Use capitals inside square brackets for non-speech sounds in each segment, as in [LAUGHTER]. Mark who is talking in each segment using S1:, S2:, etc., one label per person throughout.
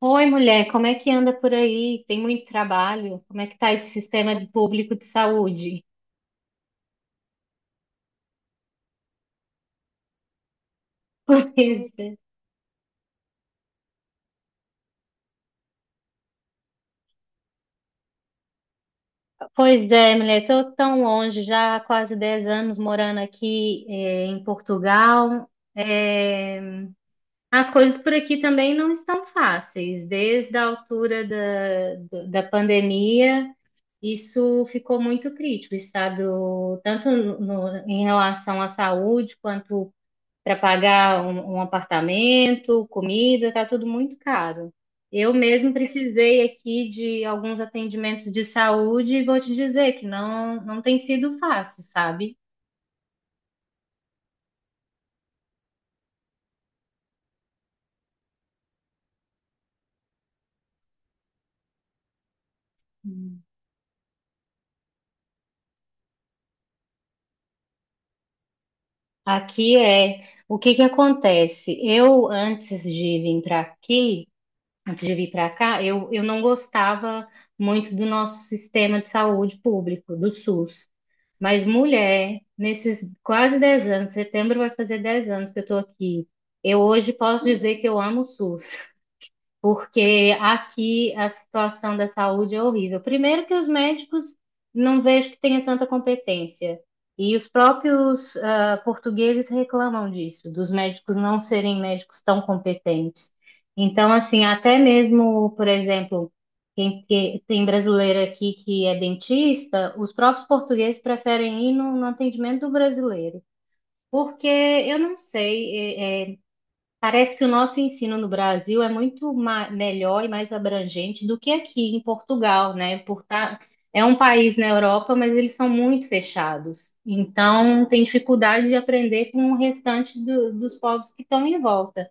S1: Oi, mulher, como é que anda por aí? Tem muito trabalho? Como é que tá esse sistema público de saúde? [LAUGHS] Pois é, pois é, mulher, tô tão longe, já há quase 10 anos morando aqui, em Portugal. Eh, as coisas por aqui também não estão fáceis. Desde a altura da pandemia, isso ficou muito crítico, o estado, tanto em relação à saúde quanto para pagar um apartamento, comida, está tudo muito caro. Eu mesmo precisei aqui de alguns atendimentos de saúde e vou te dizer que não, não tem sido fácil, sabe? Hum. Aqui é o que que acontece? Eu, antes de vir para aqui, antes de vir para cá, eu não gostava muito do nosso sistema de saúde público, do SUS. Mas, mulher, nesses quase 10 anos, setembro vai fazer 10 anos que eu estou aqui. Eu hoje posso dizer que eu amo o SUS porque aqui a situação da saúde é horrível. Primeiro que os médicos não vejo que tenha tanta competência. E os próprios portugueses reclamam disso, dos médicos não serem médicos tão competentes. Então, assim, até mesmo, por exemplo, tem brasileiro aqui que é dentista, os próprios portugueses preferem ir no atendimento do brasileiro. Porque eu não sei, parece que o nosso ensino no Brasil é muito melhor e mais abrangente do que aqui em Portugal, né? É um país na Europa, mas eles são muito fechados. Então, tem dificuldade de aprender com o restante dos povos que estão em volta.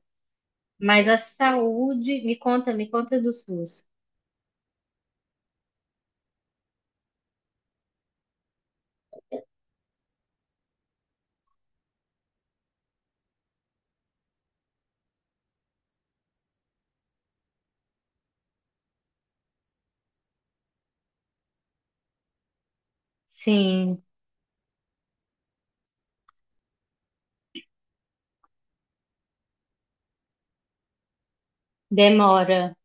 S1: Mas a saúde, me conta do SUS. Sim, demora.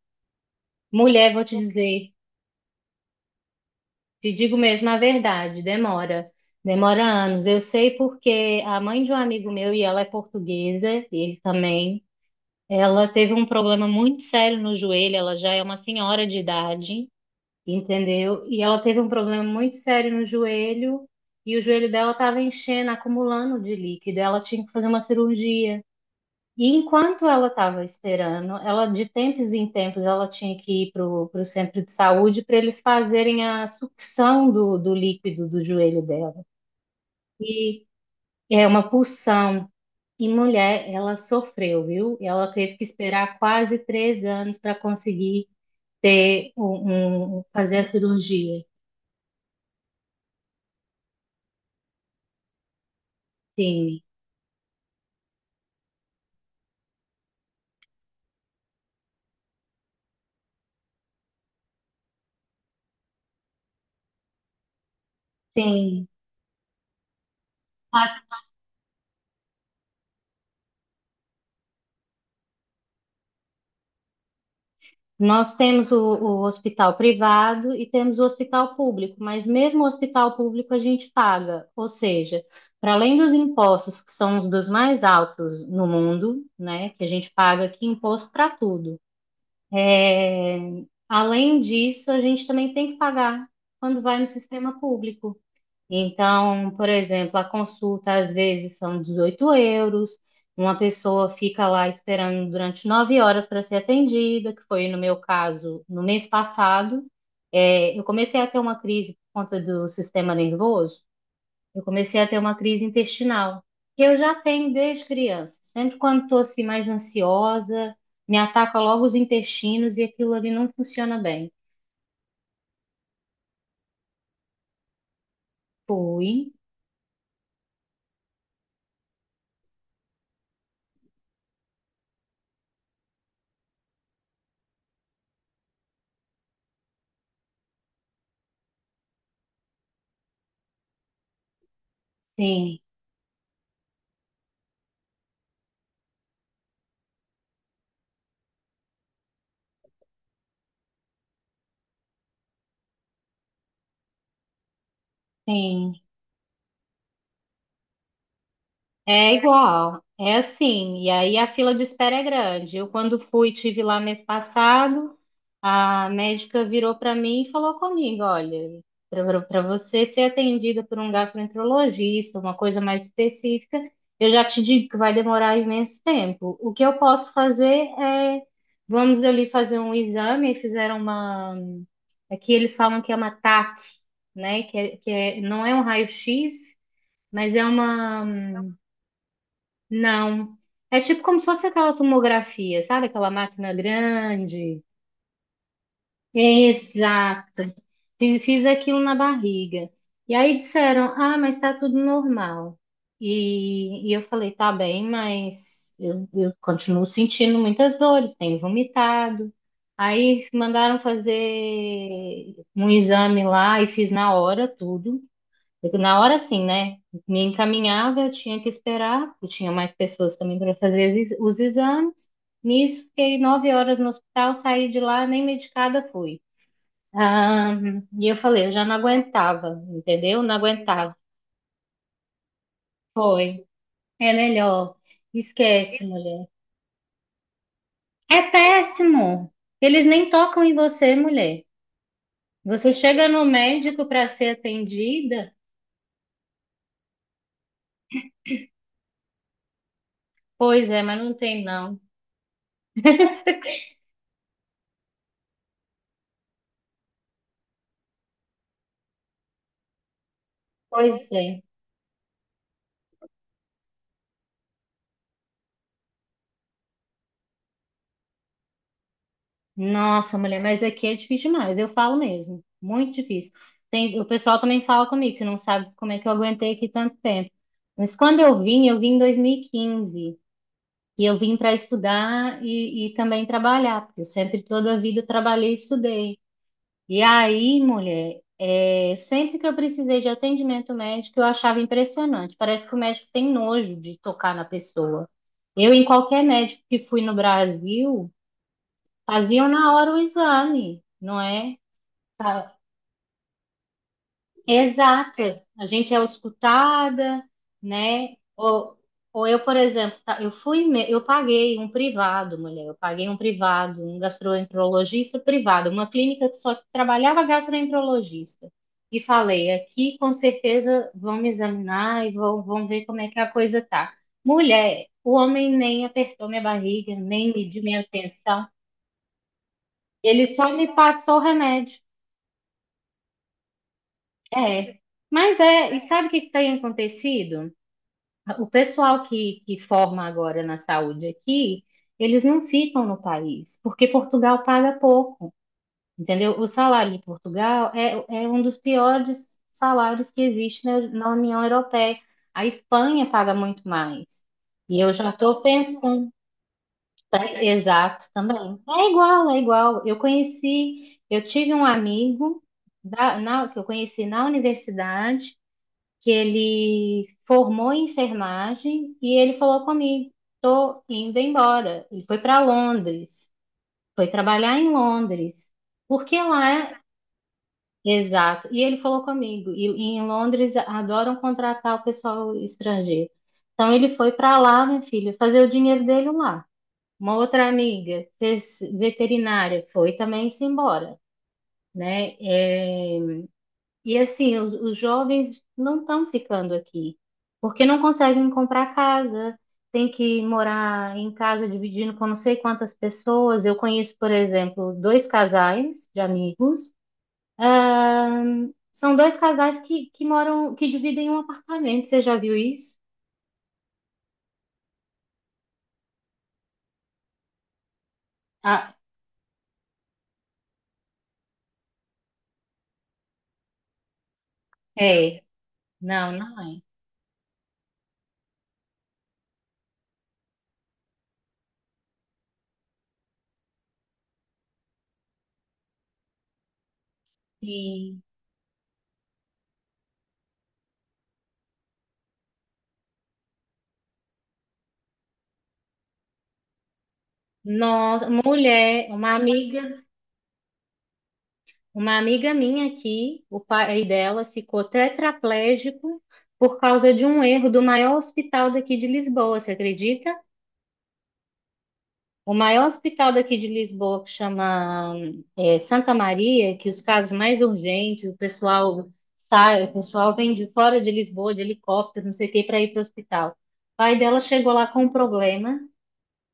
S1: Mulher, vou te dizer, te digo mesmo a verdade, demora. Demora anos. Eu sei porque a mãe de um amigo meu, e ela é portuguesa, e ele também. Ela teve um problema muito sério no joelho, ela já é uma senhora de idade, entendeu? E ela teve um problema muito sério no joelho, e o joelho dela estava enchendo, acumulando de líquido, ela tinha que fazer uma cirurgia. E enquanto ela estava esperando, ela de tempos em tempos ela tinha que ir para o centro de saúde para eles fazerem a sucção do líquido do joelho dela. E é uma pulsão. E mulher, ela sofreu, viu? Ela teve que esperar quase 3 anos para conseguir ter fazer a cirurgia. Sim, sim. A- Nós temos o hospital privado e temos o hospital público, mas mesmo o hospital público a gente paga, ou seja, para além dos impostos, que são os dos mais altos no mundo, né, que a gente paga aqui imposto para tudo. É, além disso, a gente também tem que pagar quando vai no sistema público. Então, por exemplo, a consulta às vezes são 18 euros, uma pessoa fica lá esperando durante 9 horas para ser atendida, que foi no meu caso no mês passado. É, eu comecei a ter uma crise por conta do sistema nervoso. Eu comecei a ter uma crise intestinal, que eu já tenho desde criança. Sempre quando estou assim mais ansiosa, me ataca logo os intestinos e aquilo ali não funciona bem. Fui, sim, sim. É igual, é assim. E aí a fila de espera é grande. Eu, quando fui, tive lá mês passado, a médica virou para mim e falou comigo: olha, para você ser atendida por um gastroenterologista, uma coisa mais específica, eu já te digo que vai demorar imenso tempo. O que eu posso fazer é, vamos ali fazer um exame. E fizeram uma. Aqui eles falam que é uma TAC, né? Não é um raio-x, mas é uma. Não. É tipo como se fosse aquela tomografia, sabe? Aquela máquina grande. Exato. Fiz, fiz aquilo na barriga. E aí disseram, ah, mas tá tudo normal. E eu falei, tá bem, mas eu continuo sentindo muitas dores, tenho vomitado. Aí mandaram fazer um exame lá e fiz na hora tudo. Na hora, sim, né? Me encaminhava, eu tinha que esperar, porque tinha mais pessoas também para fazer os exames. Nisso, fiquei 9 horas no hospital, saí de lá, nem medicada fui. Ah, e eu falei, eu já não aguentava, entendeu? Não aguentava. Foi, é melhor. Esquece, mulher. É péssimo. Eles nem tocam em você, mulher. Você chega no médico para ser atendida, pois é, mas não tem não. [LAUGHS] Pois é. Nossa, mulher, mas aqui é difícil demais, eu falo mesmo, muito difícil. Tem, o pessoal também fala comigo que não sabe como é que eu aguentei aqui tanto tempo. Mas quando eu vim em 2015 e quinze e eu vim para estudar e também trabalhar, porque eu sempre, toda a vida, trabalhei e estudei. E aí, mulher, é, sempre que eu precisei de atendimento médico, eu achava impressionante. Parece que o médico tem nojo de tocar na pessoa. Eu, em qualquer médico que fui no Brasil, faziam na hora o exame, não é? Tá- Exato. A gente é auscultada, né? Ou eu, por exemplo, eu fui, eu paguei um privado, mulher, eu paguei um privado, um gastroenterologista privado, uma clínica que só trabalhava gastroenterologista. E falei, aqui com certeza vão me examinar e vão ver como é que a coisa tá. Mulher, o homem nem apertou minha barriga, nem mediu minha atenção. Ele só me passou o remédio. É, mas é, e sabe o que que tem acontecido? O pessoal que forma agora na saúde aqui, eles não ficam no país, porque Portugal paga pouco, entendeu? O salário de Portugal é um dos piores salários que existe na União Europeia. A Espanha paga muito mais. E eu já estou pensando, tá? Exato, também. É igual, é igual. Eu conheci, eu tive um amigo que eu conheci na universidade que ele formou em enfermagem e ele falou comigo, tô indo embora. Ele foi para Londres, foi trabalhar em Londres, porque lá é exato. E, ele falou comigo, E em Londres adoram contratar o pessoal estrangeiro. Então ele foi para lá, minha filha, fazer o dinheiro dele lá. Uma outra amiga fez veterinária, foi também se embora, né? É, e assim, os jovens não estão ficando aqui, porque não conseguem comprar casa, tem que morar em casa dividindo com não sei quantas pessoas. Eu conheço, por exemplo, dois casais de amigos. São dois casais que moram, que dividem um apartamento. Você já viu isso? Ah, é. Não, não é. E, Nossa, mulher, uma amiga. Uma amiga minha aqui, o pai dela ficou tetraplégico por causa de um erro do maior hospital daqui de Lisboa, você acredita? O maior hospital daqui de Lisboa, que chama Santa Maria, que os casos mais urgentes, o pessoal sai, o pessoal vem de fora de Lisboa, de helicóptero, não sei o que, para ir para o hospital. O pai dela chegou lá com um problema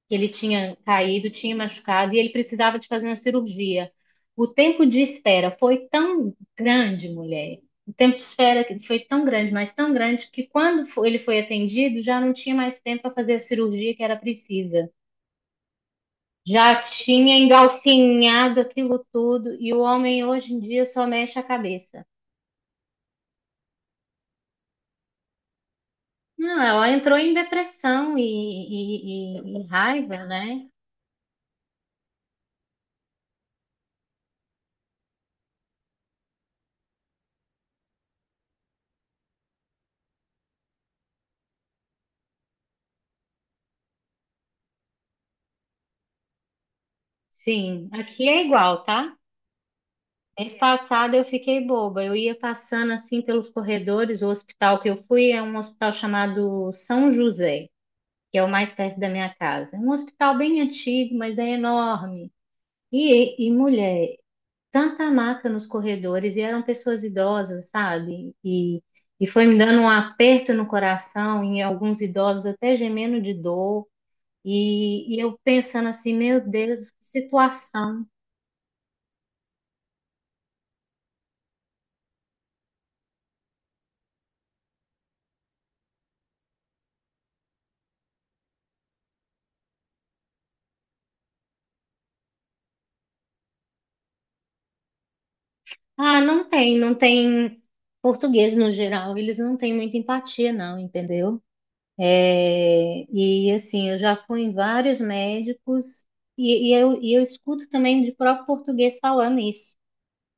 S1: que ele tinha caído, tinha machucado e ele precisava de fazer uma cirurgia. O tempo de espera foi tão grande, mulher. O tempo de espera que foi tão grande, mas tão grande, que quando ele foi atendido, já não tinha mais tempo para fazer a cirurgia que era precisa. Já tinha engalfinhado aquilo tudo e o homem hoje em dia só mexe a cabeça. Não, ela entrou em depressão e raiva, né? Sim, aqui é igual, tá? Mês passado eu fiquei boba. Eu ia passando assim pelos corredores. O hospital que eu fui é um hospital chamado São José, que é o mais perto da minha casa. É um hospital bem antigo, mas é enorme. E mulher, tanta maca nos corredores, e eram pessoas idosas, sabe? E foi me dando um aperto no coração, em alguns idosos até gemendo de dor. E eu pensando assim, meu Deus, que situação. Ah, não tem, não tem português no geral, eles não têm muita empatia, não, entendeu? É, e assim, eu já fui em vários médicos e eu escuto também de próprio português falando isso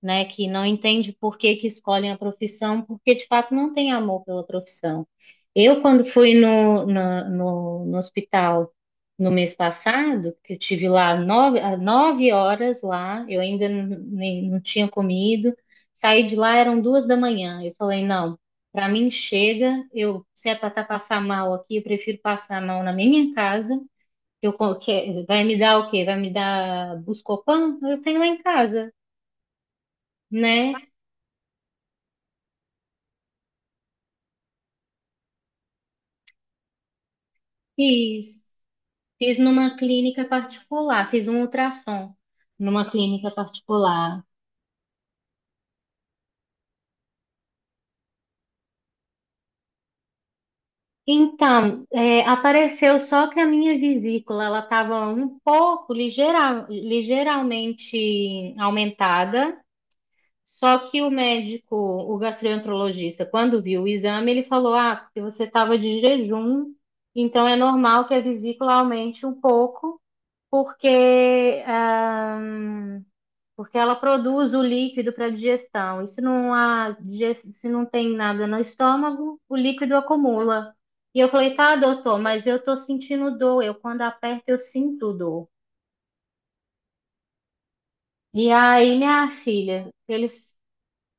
S1: né, que não entende por que que escolhem a profissão, porque de fato não tem amor pela profissão. Eu, quando fui no hospital no mês passado, que eu tive lá 9 horas lá, eu ainda n- nem, não tinha comido, saí de lá, eram 2 da manhã. Eu falei, não, para mim chega, eu, se é para tá passar mal aqui, eu prefiro passar mal na minha casa, que eu, que, vai me dar o quê? Vai me dar Buscopan? Eu tenho lá em casa, né? Fiz, fiz numa clínica particular, fiz um ultrassom numa clínica particular. Então, é, apareceu só que a minha vesícula ela estava um pouco ligeiramente aumentada. Só que o médico, o gastroenterologista, quando viu o exame, ele falou: Ah, porque você estava de jejum, então é normal que a vesícula aumente um pouco, porque ah, porque ela produz o líquido para digestão. E se não há, se não tem nada no estômago, o líquido acumula. E eu falei, tá, doutor, mas eu tô sentindo dor. Eu, quando aperto, eu sinto dor. E aí, minha filha, eles.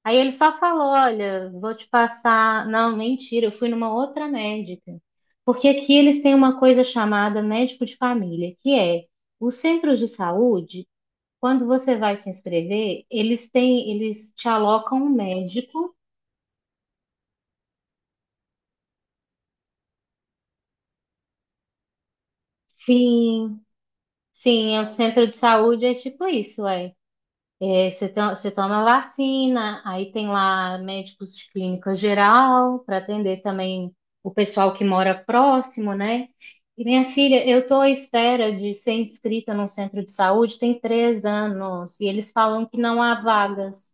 S1: Aí ele só falou, olha, vou te passar. Não, mentira, eu fui numa outra médica. Porque aqui eles têm uma coisa chamada médico de família, que é os centros de saúde, quando você vai se inscrever, eles têm, eles te alocam um médico. Sim, sim, é o centro de saúde é tipo isso, é. É, você, você toma vacina, aí tem lá médicos de clínica geral para atender também o pessoal que mora próximo, né? E minha filha, eu estou à espera de ser inscrita num centro de saúde tem 3 anos e eles falam que não há vagas.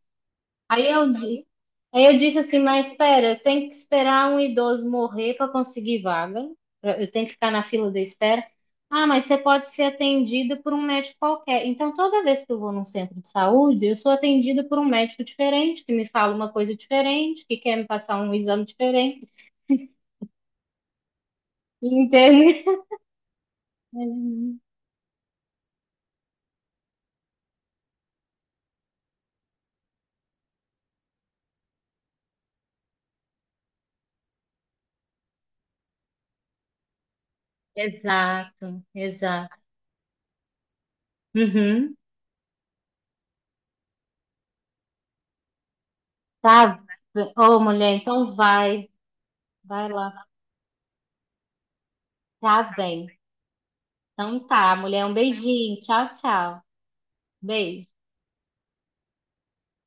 S1: Aí eu, di- aí eu disse assim, mas espera, eu tenho que esperar um idoso morrer para conseguir vaga. Eu tenho que ficar na fila da espera. Ah, mas você pode ser atendido por um médico qualquer. Então, toda vez que eu vou num centro de saúde, eu sou atendida por um médico diferente, que me fala uma coisa diferente, que quer me passar um exame diferente. [LAUGHS] Entende? Uhum. Exato, exato. Uhum. Tá. Ô, mulher, então vai, vai lá. Tá bem. Então tá, mulher, um beijinho. Tchau, tchau. Beijo.